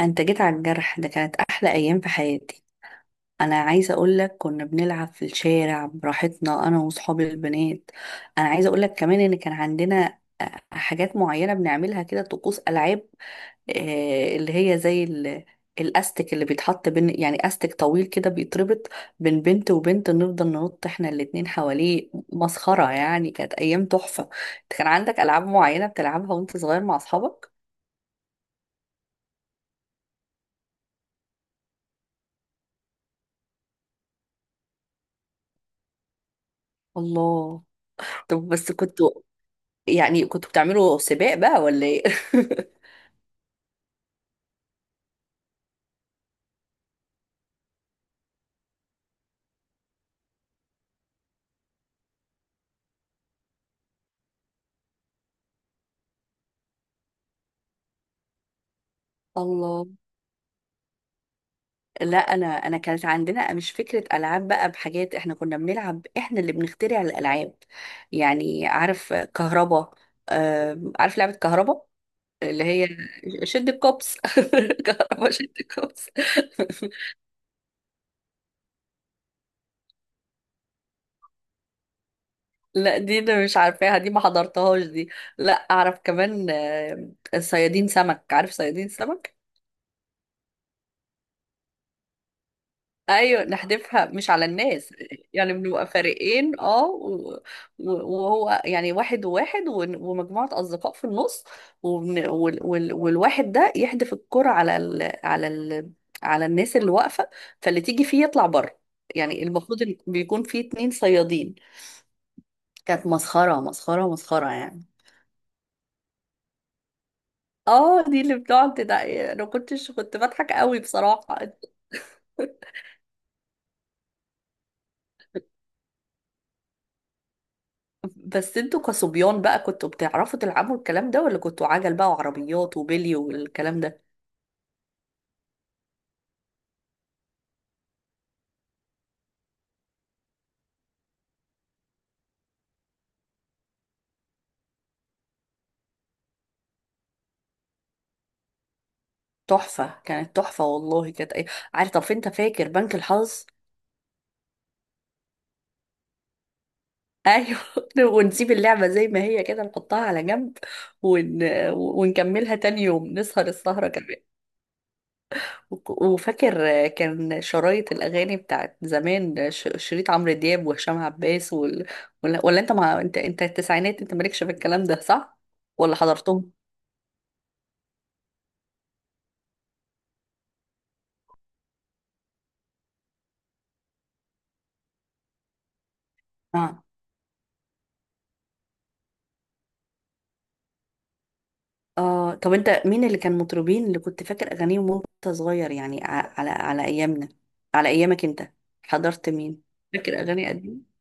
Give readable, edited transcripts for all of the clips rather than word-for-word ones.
انت جيت على الجرح ده، كانت احلى ايام في حياتي. انا عايزه اقول لك، كنا بنلعب في الشارع براحتنا انا واصحابي البنات. انا عايزه اقول لك كمان ان كان عندنا حاجات معينه بنعملها كده، طقوس العاب. اللي هي زي الاستك اللي بيتحط بين، يعني استك طويل كده بيتربط بين بنت وبنت، نفضل ننط احنا الاتنين حواليه، مسخره يعني، كانت ايام تحفه. انت كان عندك العاب معينه بتلعبها وانت صغير مع اصحابك؟ الله. طب بس كنت... يعني كنتوا بتعملوا سباق بقى ولا ايه؟ الله. لا انا كانت عندنا مش فكره العاب بقى بحاجات، احنا كنا بنلعب، احنا اللي بنخترع الالعاب. يعني عارف كهربا؟ عارف لعبه كهربا؟ اللي هي... شد الكوبس، كهربا شد الكوبس. لا دي انا مش عارفاها، دي ما حضرتهاش دي. لا اعرف كمان، صيادين سمك، عارف صيادين سمك؟ ايوه، نحدفها مش على الناس. يعني بنبقى فريقين اه، و- وهو يعني واحد وواحد ومجموعة اصدقاء في النص. والواحد ده يحدف الكرة على الناس اللي واقفة. فاللي تيجي فيه يطلع بره. يعني المفروض إن بيكون فيه اتنين صيادين. كانت مسخرة، مسخرة، مسخرة يعني. اه دي اللي بتقعد ده. انا كنت بضحك قوي بصراحة. بس انتوا كصبيان بقى، كنتوا بتعرفوا تلعبوا الكلام ده؟ ولا كنتوا عجل بقى وعربيات وبلي والكلام ده؟ تحفة، كانت تحفة والله، كانت ايه. عارف؟ طب انت فاكر بنك الحظ؟ ايوه. ونسيب اللعبة زي ما هي كده، نحطها على جنب، ون... ونكملها تاني يوم، نسهر السهرة كمان. وفاكر كان شرايط الأغاني بتاعت زمان، شريط عمرو دياب وهشام عباس ولا انت انت التسعينات، انت مالكش في الكلام ده، صح؟ ولا حضرتهم؟ آه. اه طب انت مين اللي كان مطربين اللي كنت فاكر اغانيهم وانت صغير، يعني على ايامنا، على ايامك انت، حضرت مين؟ فاكر اغاني قديمه؟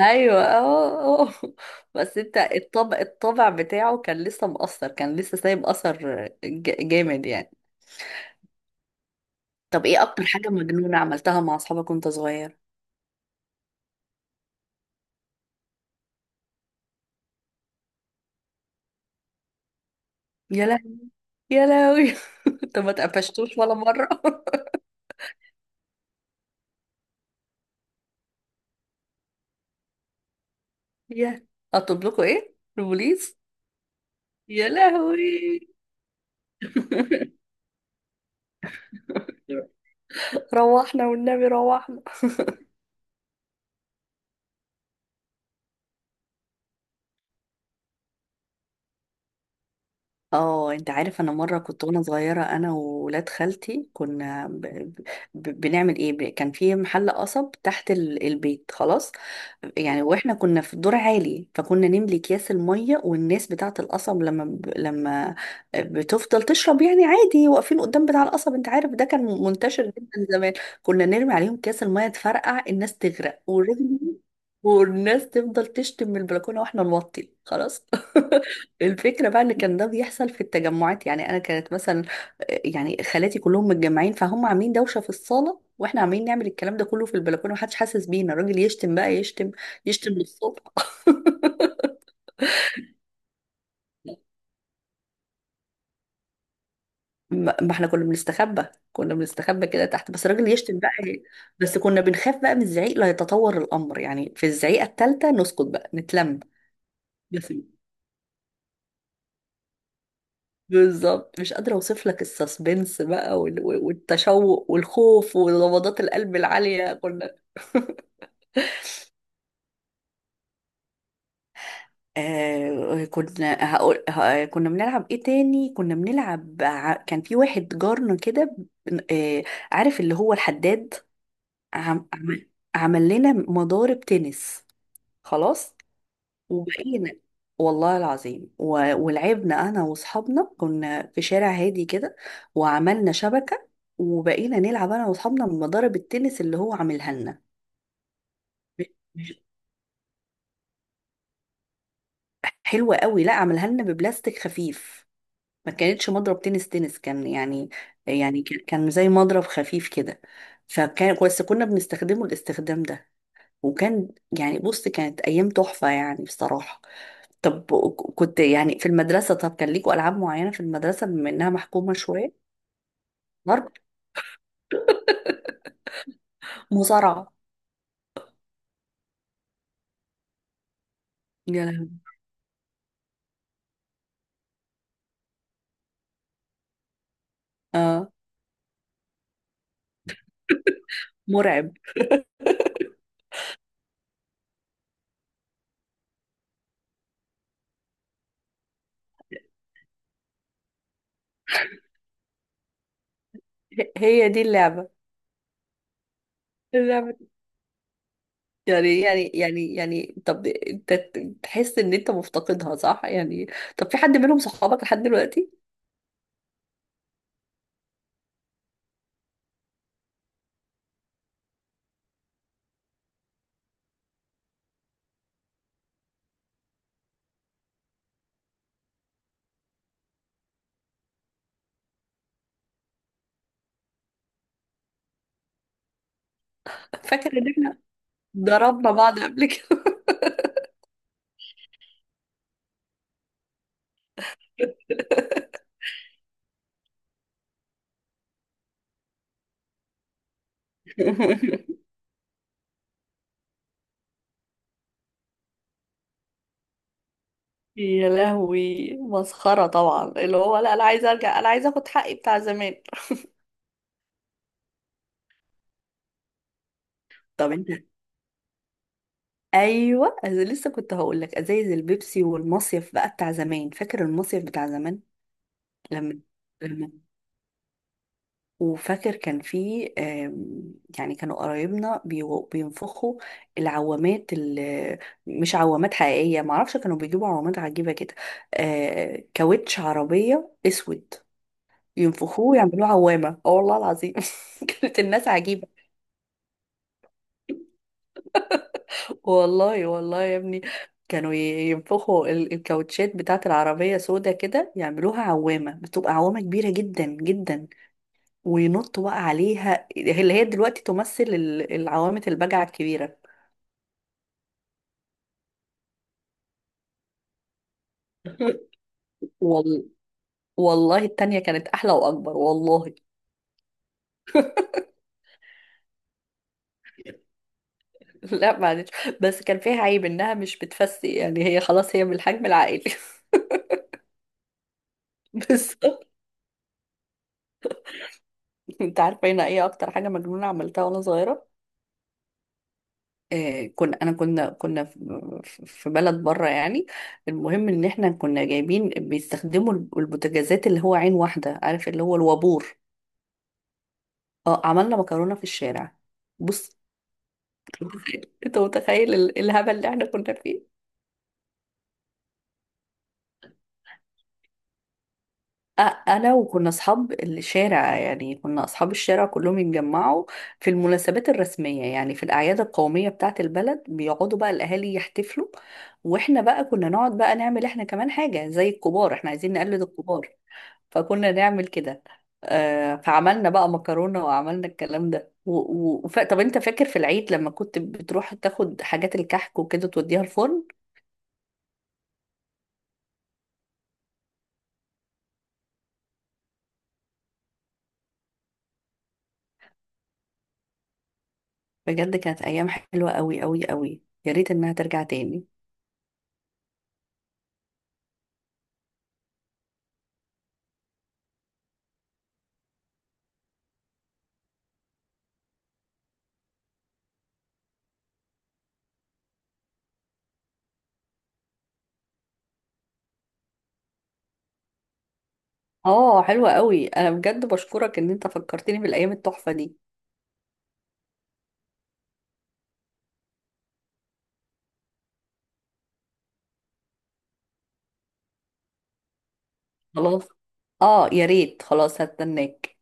ايوه، اه، آه. بس انت الطبع بتاعه كان لسه مؤثر، كان لسه سايب اثر جامد يعني. طب ايه اكتر حاجه مجنونه عملتها مع اصحابك وانت صغير؟ يا لهوي. يا لهوي. انت ما اتقفشتوش ولا مره؟ يا! اطلب لكم ايه، البوليس؟ يا لهوي. روحنا والنبي، روحنا. اه انت عارف، انا مره كنت وانا صغيره، انا وولاد خالتي كنا ب... ب... بنعمل ايه، كان في محل قصب تحت البيت، خلاص. يعني واحنا كنا في الدور عالي، فكنا نملي اكياس الميه، والناس بتاعه القصب لما لما بتفضل تشرب يعني عادي، واقفين قدام بتاع القصب، انت عارف ده كان منتشر جدا زمان. كنا نرمي عليهم اكياس الميه، تفرقع، الناس تغرق، والراجل والناس تفضل تشتم من البلكونه، واحنا نوطي خلاص. الفكرة بقى ان كان ده بيحصل في التجمعات، يعني انا كانت مثلا يعني خالاتي كلهم متجمعين، فهم عاملين دوشة في الصالة، واحنا عاملين نعمل الكلام ده كله في البلكونة، محدش حاسس بينا، الراجل يشتم بقى، يشتم، يشتم للصبح. ما احنا كنا بنستخبى، كنا بنستخبى كده تحت، بس الراجل يشتم بقى إيه؟ بس كنا بنخاف بقى من الزعيق لا يتطور الامر، يعني في الزعيقة التالتة نسكت بقى، نتلم. بالظبط، مش قادرة اوصف لك السسبنس بقى، والتشوق والخوف ونبضات القلب العالية كنا... كنا هقول كنا بنلعب ايه تاني، كنا بنلعب كان في واحد جارنا كده. بن- آه عارف اللي هو الحداد؟ عم عم- عمل لنا مضارب تنس، خلاص. وبقينا، والله العظيم، ولعبنا انا واصحابنا، كنا في شارع هادي كده، وعملنا شبكة، وبقينا نلعب انا واصحابنا بمضارب التنس اللي هو عاملها لنا. ب- مش- حلوة قوي، لا عاملها لنا ببلاستيك خفيف. ما كانتش مضرب تنس، كان يعني، يعني كان زي مضرب خفيف كده، فكان بس كنا بنستخدمه الاستخدام ده. وكان يعني بص، كانت ايام تحفة يعني بصراحة. طب كنت يعني في المدرسة، طب كان ليكوا ألعاب معينة في المدرسة بما إنها محكومة شوية؟ ضرب. مصارعة. يا لهوي. اه، مرعب. هي دي اللعبة. اللعبة. يعني طب انت تحس ان انت مفتقدها صح يعني؟ طب في حد منهم صحابك لحد دلوقتي؟ فاكر ان احنا ضربنا بعض قبل كده. يا لهوي، مسخرة طبعا، اللي هو لا، انا عايزة ارجع، انا عايزة اخد حقي بتاع زمان. طب انت... ايوه أنا لسه كنت هقول لك ازايز البيبسي والمصيف بقى بتاع زمان، فاكر المصيف بتاع زمان؟ لما، لما، وفاكر كان في يعني كانوا قرايبنا بينفخوا العوامات اللي مش عوامات حقيقيه، معرفش، كانوا بيجيبوا عوامات عجيبه كده. كاوتش عربيه اسود، ينفخوه ويعملوه عوامه، اه والله العظيم. كانت الناس عجيبه. والله والله يا ابني، كانوا ينفخوا الكاوتشات بتاعت العربية سودا كده، يعملوها عوامة، بتبقى عوامة كبيرة جدا جدا، وينطوا بقى عليها، اللي هي دلوقتي تمثل العوامة البجعة الكبيرة. وال... والله التانية كانت أحلى وأكبر والله. لا معلش، بس كان فيها عيب إنها مش بتفسي، يعني هي خلاص، هي بالحجم العائلي. بس... أنت عارفة هنا إيه أكتر حاجة مجنونة عملتها وأنا صغيرة؟ آه، كنا انا كنا كنا في في بلد بره يعني. المهم ان احنا كنا جايبين بيستخدموا البوتاجازات، اللي هو عين واحده، عارف اللي هو الوابور؟ اه، عملنا مكرونه في الشارع. بص. انت متخيل الهبل اللي احنا كنا فيه. انا، وكنا اصحاب الشارع يعني، كنا اصحاب الشارع كلهم يتجمعوا في المناسبات الرسميه، يعني في الاعياد القوميه بتاعه البلد، بيقعدوا بقى الاهالي يحتفلوا، واحنا بقى كنا نقعد بقى نعمل احنا كمان حاجه زي الكبار، احنا عايزين نقلد الكبار، فكنا نعمل كده. فعملنا بقى مكرونة، وعملنا الكلام ده طب انت فاكر في العيد لما كنت بتروح تاخد حاجات الكحك وكده توديها الفرن؟ بجد كانت ايام حلوة قوي قوي قوي، يا ريت انها ترجع تاني. اه، حلوة قوي، انا بجد بشكرك ان انت فكرتني بالايام التحفة دي. خلاص. اه يا ريت، خلاص هستناك.